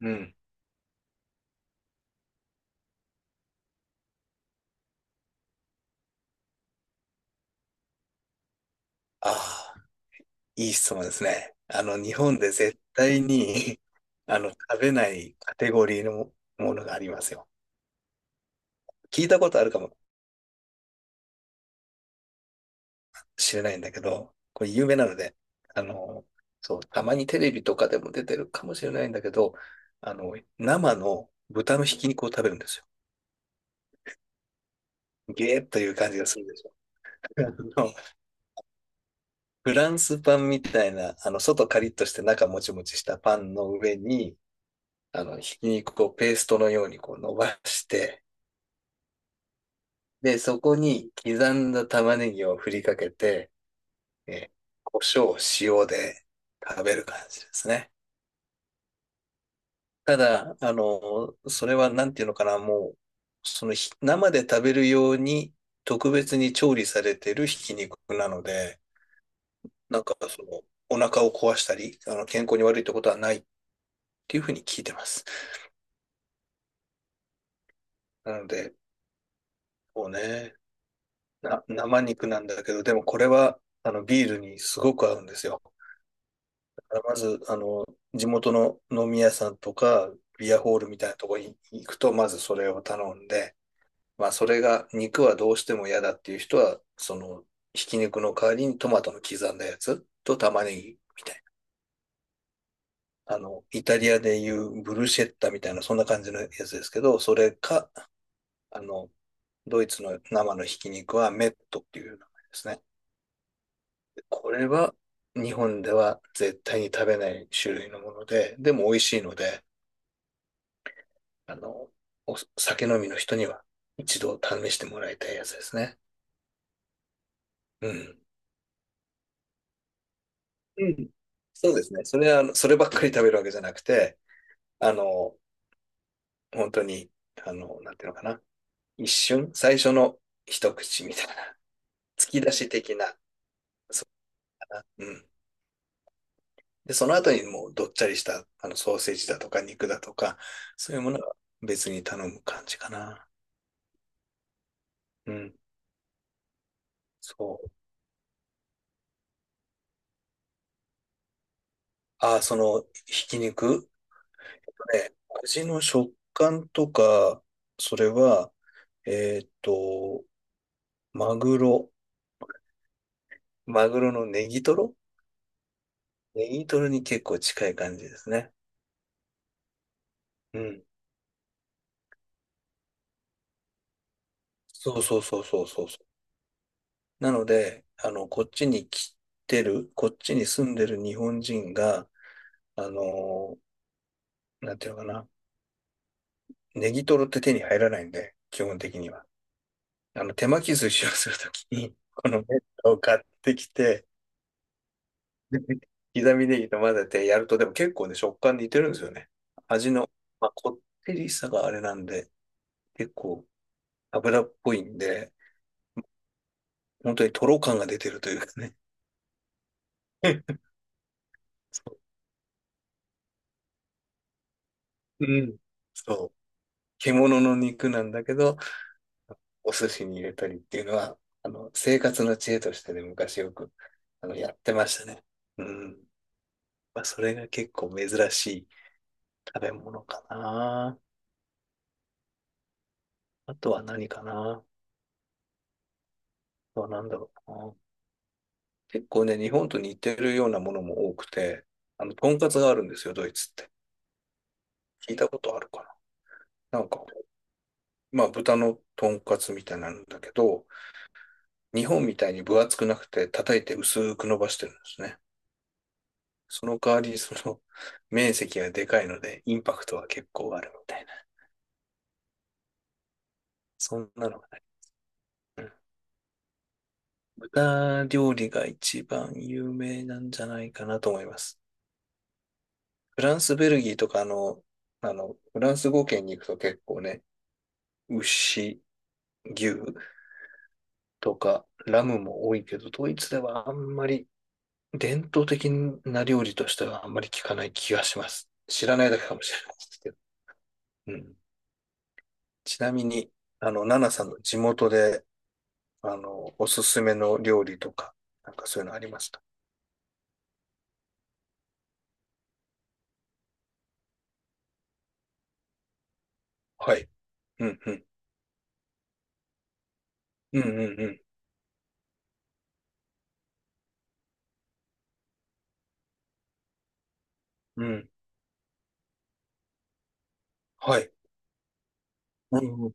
うん。ああ、いい質問ですね。日本で絶対に 食べないカテゴリーのものがありますよ。聞いたことあるかもしれないんだけど、これ有名なので、あの、そう、たまにテレビとかでも出てるかもしれないんだけど、生の豚のひき肉を食べるんですよ。ゲーッという感じがするでしょ。あのフランスパンみたいな、外カリッとして中もちもちしたパンの上に、ひき肉をペーストのようにこう伸ばして、で、そこに刻んだ玉ねぎを振りかけて、えー、胡椒、塩で食べる感じですね。ただ、それはなんていうのかな、もう、その生で食べるように特別に調理されてるひき肉なので、なんかその、お腹を壊したり、健康に悪いってことはないっていうふうに聞いてます。なので、こうね、生肉なんだけど、でもこれは、ビールにすごく合うんですよ。まず、地元の飲み屋さんとか、ビアホールみたいなところに行くと、まずそれを頼んで、まあ、それが、肉はどうしても嫌だっていう人は、その、ひき肉の代わりにトマトの刻んだやつと玉ねぎみたいな。イタリアでいうブルシェッタみたいな、そんな感じのやつですけど、それか、あの、ドイツの生のひき肉はメットっていう名前ですね。これは日本では絶対に食べない種類のもので、でも美味しいので、あの、お酒飲みの人には一度試してもらいたいやつですね。うん。うん。そうですね。それは、そればっかり食べるわけじゃなくて、あの、本当に、なんていうのかな。一瞬、最初の一口みたいな、突き出し的な、そう、うん。で、その後にもうどっちゃりした、ソーセージだとか肉だとか、そういうものは別に頼む感じかな。うん。そう。ああ、その、ひき肉ね味の食感とか、それは、えーっと、マグロ、マグロのネギトロに結構近い感じですね。うん。そうそうそうそうそうそう。なので、こっちに住んでる日本人が、あのーなんていうのかな、ネギトロって手に入らないんで、基本的には。手巻き寿司をするときに、このネットを買ってきて、刻みネギと混ぜてやると、でも結構ね、食感似てるんですよね。味の、まあ、こってりさがあれなんで、結構油っぽいんで、本当にとろ感が出てるというかね。そう。うん。そう。獣の肉なんだけど、お寿司に入れたりっていうのは、生活の知恵としてね、昔よく、やってましたね。うん。まあ、それが結構珍しい食べ物かな。あとは何かな。あとは何だろうな。結構ね、日本と似てるようなものも多くて、とんかつがあるんですよ、ドイツって。聞いたことあるかな？なんか、まあ、豚のとんかつみたいなんだけど、日本みたいに分厚くなくて、叩いて薄く伸ばしてるんですね。その代わり、その、面積がでかいので、インパクトは結構あるみたいな。そんなのがない。うん。豚料理が一番有名なんじゃないかなと思います。フランス、ベルギーとかフランス語圏に行くと結構ね、牛、牛とかラムも多いけど、ドイツではあんまり伝統的な料理としてはあんまり聞かない気がします。知らないだけかもしれないですけど。うん。ちなみに、ナナさんの地元で、おすすめの料理とか、なんかそういうのありました？はい。うん、うん。うん、うん、うん。うん。はい。うん。うん。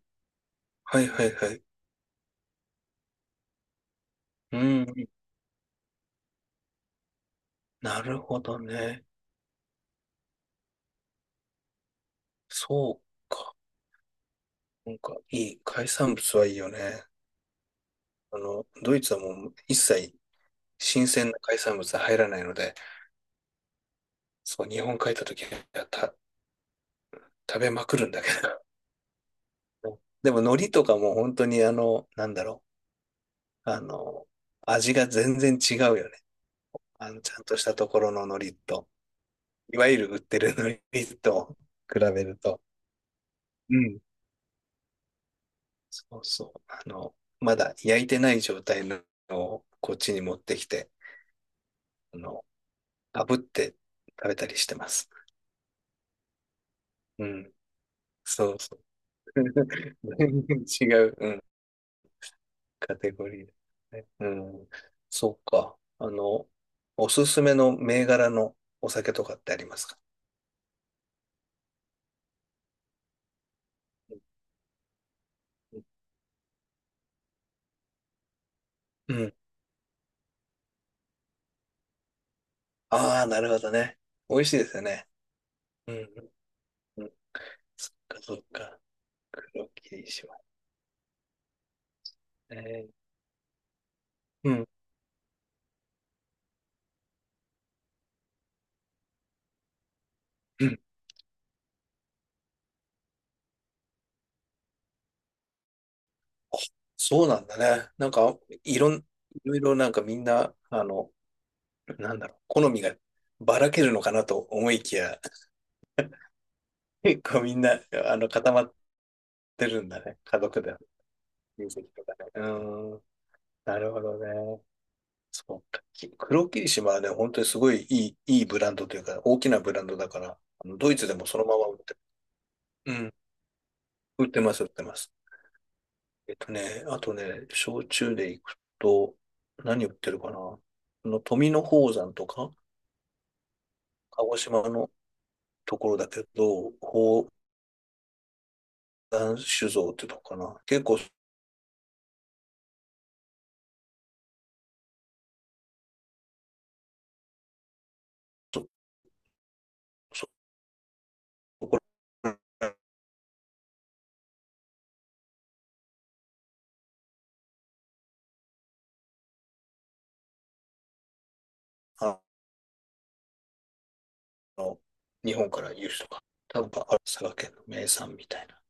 はい、はい、はい。うん。なるほどね。そうか。なんか、いい。海産物はいいよね。ドイツはもう一切新鮮な海産物は入らないので、そう、日本帰った時は食べまくるんだけど。でも海苔とかも本当になんだろう、味が全然違うよね。ちゃんとしたところの海苔と、いわゆる売ってる海苔と 比べると。うん。そうそう。まだ焼いてない状態のをこっちに持ってきて、あの、炙って食べたりしてます。うん。そうそう。全然違う。うん。カテゴリーだね。うん。そっか。おすすめの銘柄のお酒とかってありますか？うん。ああ、なるほどね。美味しいですよね。うん。うん。そっか、そっか。黒霧島ね。うん。うん。そうなんだね。なんか、いろいろなんかみんな、なんだろう、好みがばらけるのかなと思いきや、結構みんな、固まってるんだね。家族で、親戚とかね。なるほどね。そうか。黒霧島はね、本当にすごいいいブランドというか、大きなブランドだから、ドイツでもそのまま売って、うん、売ってます、売ってます。ね、あとね、焼酎で行くと、何売ってるかな？富野宝山とか、鹿児島のところだけど、宝山酒造ってとこかな。結構、そこら、あの、日本から輸出とか、多分、ある佐賀県の名産みたいな。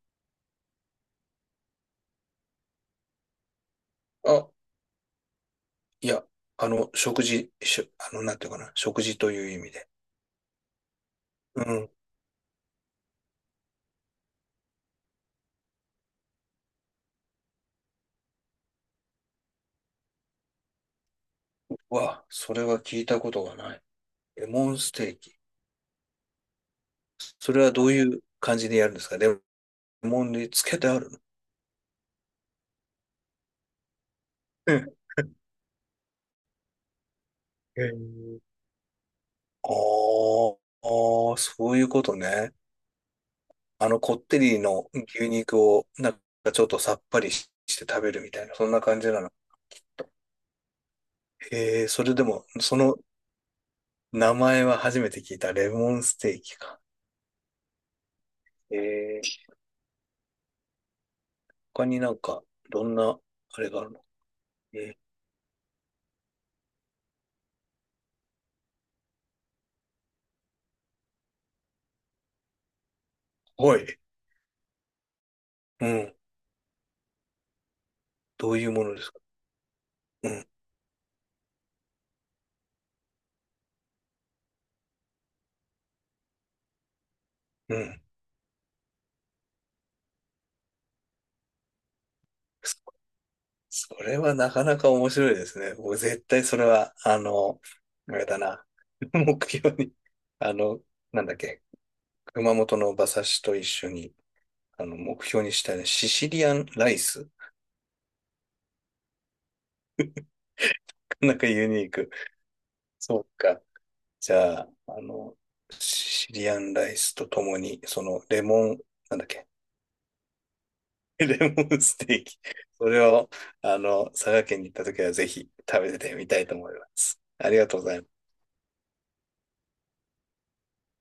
あ、いや、食事、なんていうかな、食事という意味で。うん。わ、それは聞いたことがない。レモンステーキ。それはどういう感じでやるんですか？レモンにつけてあるの？うん。へーあーあー、そういうことね。こってりの牛肉を、なんかちょっとさっぱりして食べるみたいな、そんな感じなの。へえー、それでも、その名前は初めて聞いた。レモンステーキか。へえー、他になんか、どんな、あれがあるの？えーはい。うん。どういうものですか？うん。うん。そそれはなかなか面白いですね。僕絶対それは、あれだな。目標に、あの、なんだっけ、熊本の馬刺しと一緒に、目標にしたいシシリアンライス。なんかユニーク。そうか。じゃあ、シシリアンライスとともに、その、レモン、なんだっけ、レモンステーキ。それを、佐賀県に行った時はぜひ食べてみたいと思います。ありがとうございます。